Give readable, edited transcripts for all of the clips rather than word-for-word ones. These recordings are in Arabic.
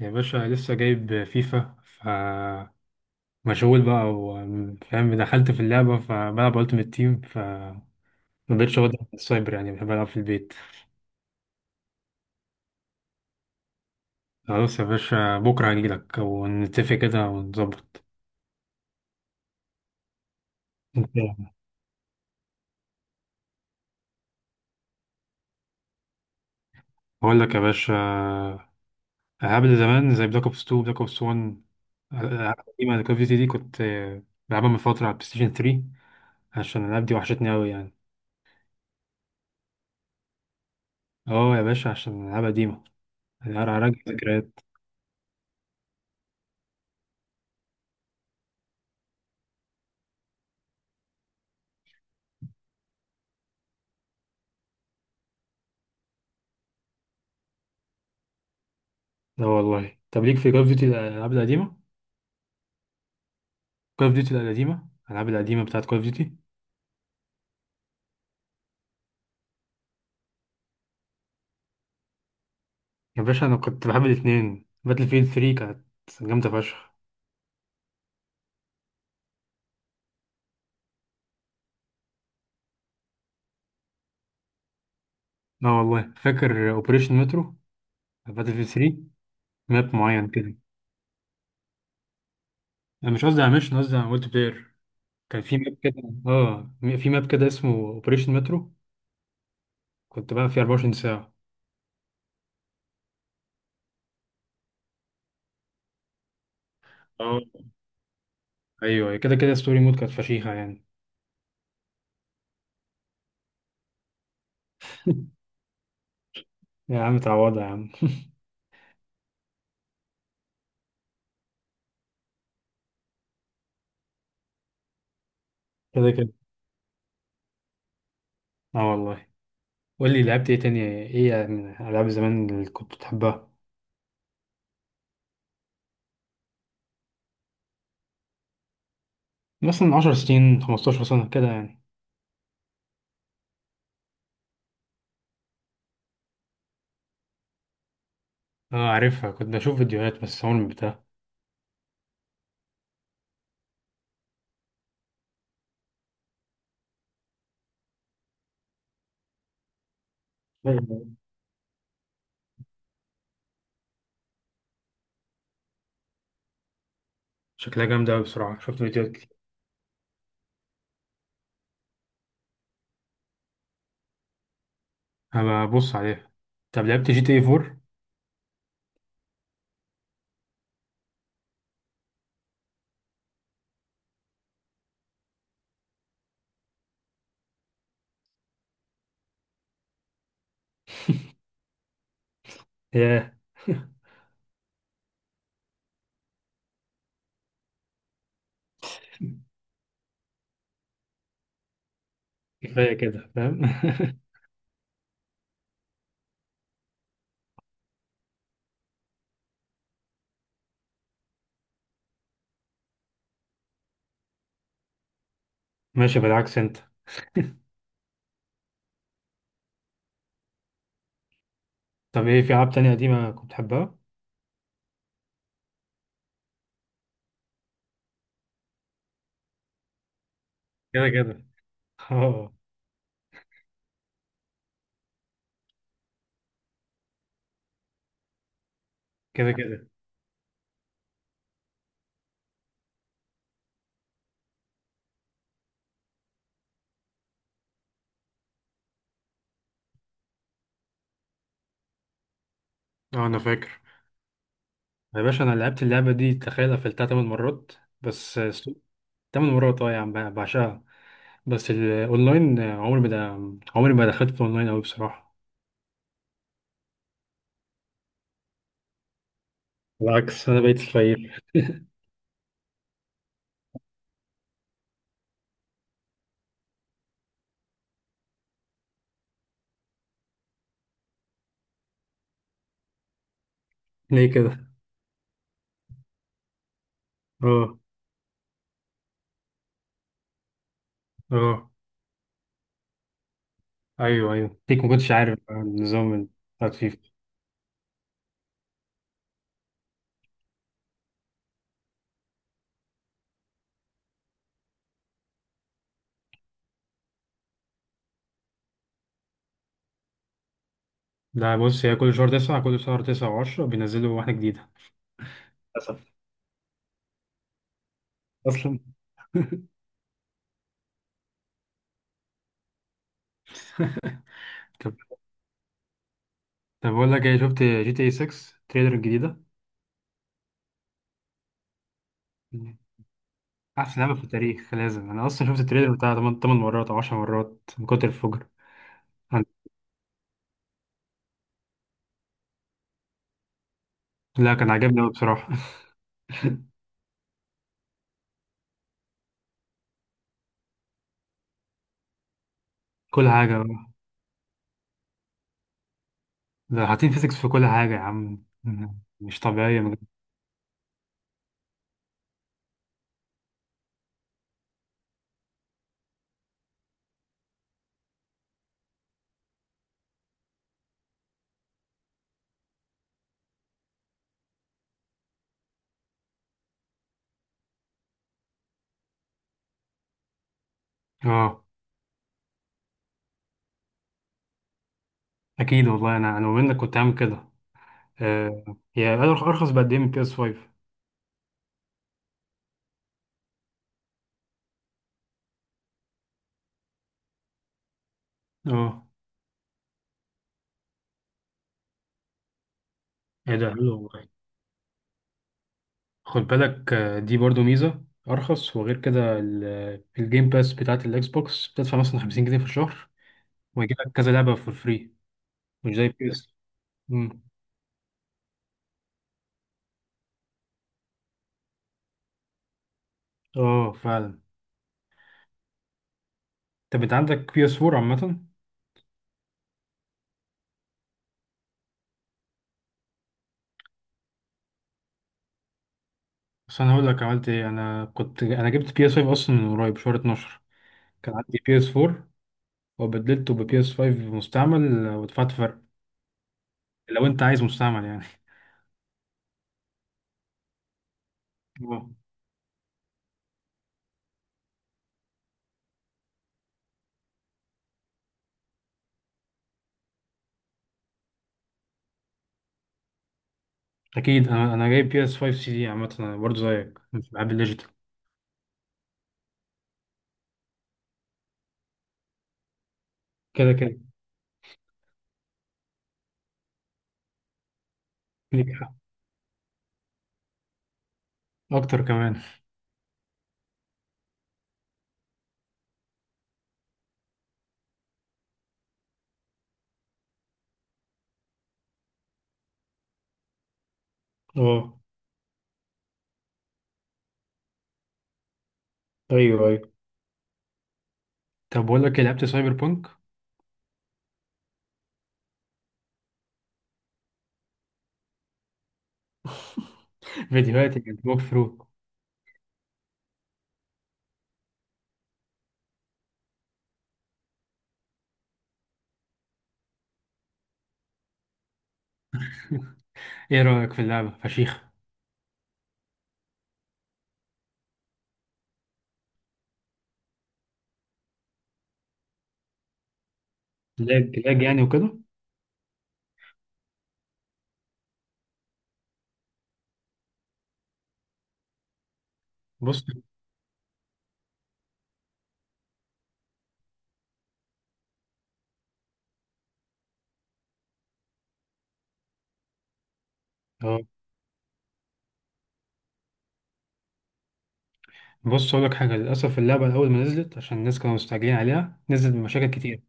يا باشا لسه جايب فيفا فمشغول بقى وفاهم، دخلت في اللعبة فبلعب ألتيمت تيم فمبقتش واخد السايبر، يعني بحب ألعب في البيت. خلاص يا باشا، بكرة هجيلك ونتفق كده ونظبط. بقول لك يا باشا، ألعاب اللي زمان زي بلاك أوبس 2، بلاك أوبس 1، الألعاب القديمة كول أوف ديوتي دي كنت بلعبها من فترة على بلايستيشن 3، عشان الألعاب دي وحشتني أوي يعني. اه يا باشا عشان الألعاب قديمة، أنا هراجع ذكريات. لا والله، طب ليك في كول أوف ديوتي الألعاب القديمة؟ كول اوف ديوتي القديمة، الألعاب القديمة بتاعت كول اوف ديوتي. يا باشا أنا كنت بحب الاتنين، باتل فيلد 3 كانت جامدة فشخ. لا والله فاكر أوبريشن مترو، باتل فيلد 3، ماب معين كده. أنا مش قصدي على ميشن، قصدي على مولتي بلاير. كان في ماب كده اه في ماب كده اسمه أوبريشن مترو، كنت بعمل فيه 24 ساعة. اه أيوه، كده كده ستوري مود كانت فشيخة يعني. يا عم تعوضها يا عم. كده كده، اه والله. قول لي لعبت ايه تاني، ايه يعني من ألعاب زمان اللي كنت بتحبها؟ مثلا 10 سنين 15 سنة كده يعني. اه عارفها، كنت بشوف فيديوهات بس عمري ما بتاع. أيوة. شكلها جامدة أوي بصراحة، شفت فيديوهات كتير. هبقى أبص عليها. طب لعبت جي تي اي 4؟ ياه. كفاية كده فاهم ماشي، بالعكس أنت. طب إيه في ألعاب تانية قديمة كنت بتحبها؟ كده كده اه. كده كده. اه أنا فاكر. يا باشا أنا لعبت اللعبة دي، تخيل قفلتها تمن مرات. بس سو- تمن مرات، اه يا عم بعشقها. بس الأونلاين، عمري ما دخلت في الأونلاين أوي بصراحة. بالعكس، أنا بقيت فقير. ليه كده؟ اه. اه ايوه ايوه، ليك ما كنتش عارف النظام بتاعت فيفا. لا بص، هي كل شهر تسعة، كل شهر تسعة وعشرة بينزلوا واحدة جديدة، للاسف. اصلا. طب طب بقول لك ايه، شفت جي تي اي 6 التريلر الجديدة؟ احسن لعبة في التاريخ، لازم. انا اصلا شفت التريلر بتاع 8 8 مرات او 10 مرات من كتر الفجر. أنا- لا كان عاجبني قوي بصراحة. كل حاجة بقى. ده حاطين فيزيكس في كل حاجة يا عم مش طبيعية بجد. اه اكيد والله، انا منك كنت عامل كده. آه، هي ارخص بقد ايه من بي اس 5؟ اه ايه ده حلو والله. خد بالك، دي برضو ميزة أرخص، وغير كده الجيم باس بتاعت الإكس بوكس بتدفع مثلا 50 جنيه في الشهر، ويجيلك كذا لعبة فور فري، مش زي بي اس. مم. اه فعلا. طب أنت عندك بي اس 4 عامة؟ بس أنا هقول لك عملت إيه، أنا جبت بي اس 5 أصلا من قريب شهر 12. كان عندي بي اس 4 وبدلته ببي اس 5 مستعمل، ودفعت فرق. لو أنت عايز مستعمل يعني. اه أكيد، أنا جايب بي اس 5 سي دي، عامة أنا برضو زيك مش بحب الليجيتال. كده كده. ليك حق. اكتر كمان. اه ايوه ايوه. طب بقول لك إيه، لعبت سايبر بانك؟ فيديوهات يعني ووك ثرو. ايه رايك في اللعبه؟ فشيخه. لاج لاج يعني وكده. بص. اه بص، اقول لك حاجه، للاسف اللعبه الاول ما نزلت عشان الناس كانوا مستعجلين عليها، نزلت بمشاكل كتير.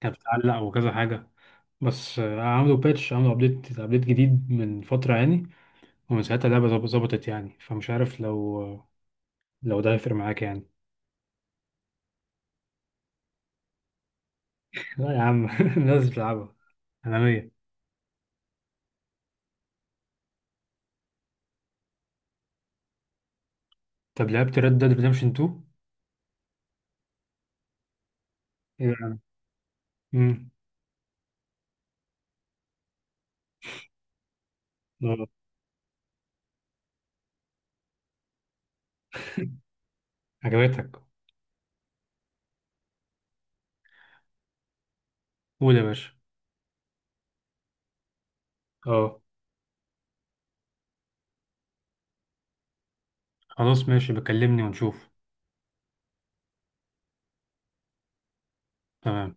كانت بتعلق وكذا حاجه. بس عملوا باتش، عملوا ابديت جديد من فتره يعني. ومن ساعتها اللعبه ظبطت يعني، فمش عارف لو ده هيفرق معاك يعني. لا يا عم لازم تلعبها. انا مية. طب لعبت ريد ديد ريدمشن 2؟ امم. اه عجبتك؟ قول يا باشا. اه. خلاص ماشي، بكلمني ونشوف. تمام.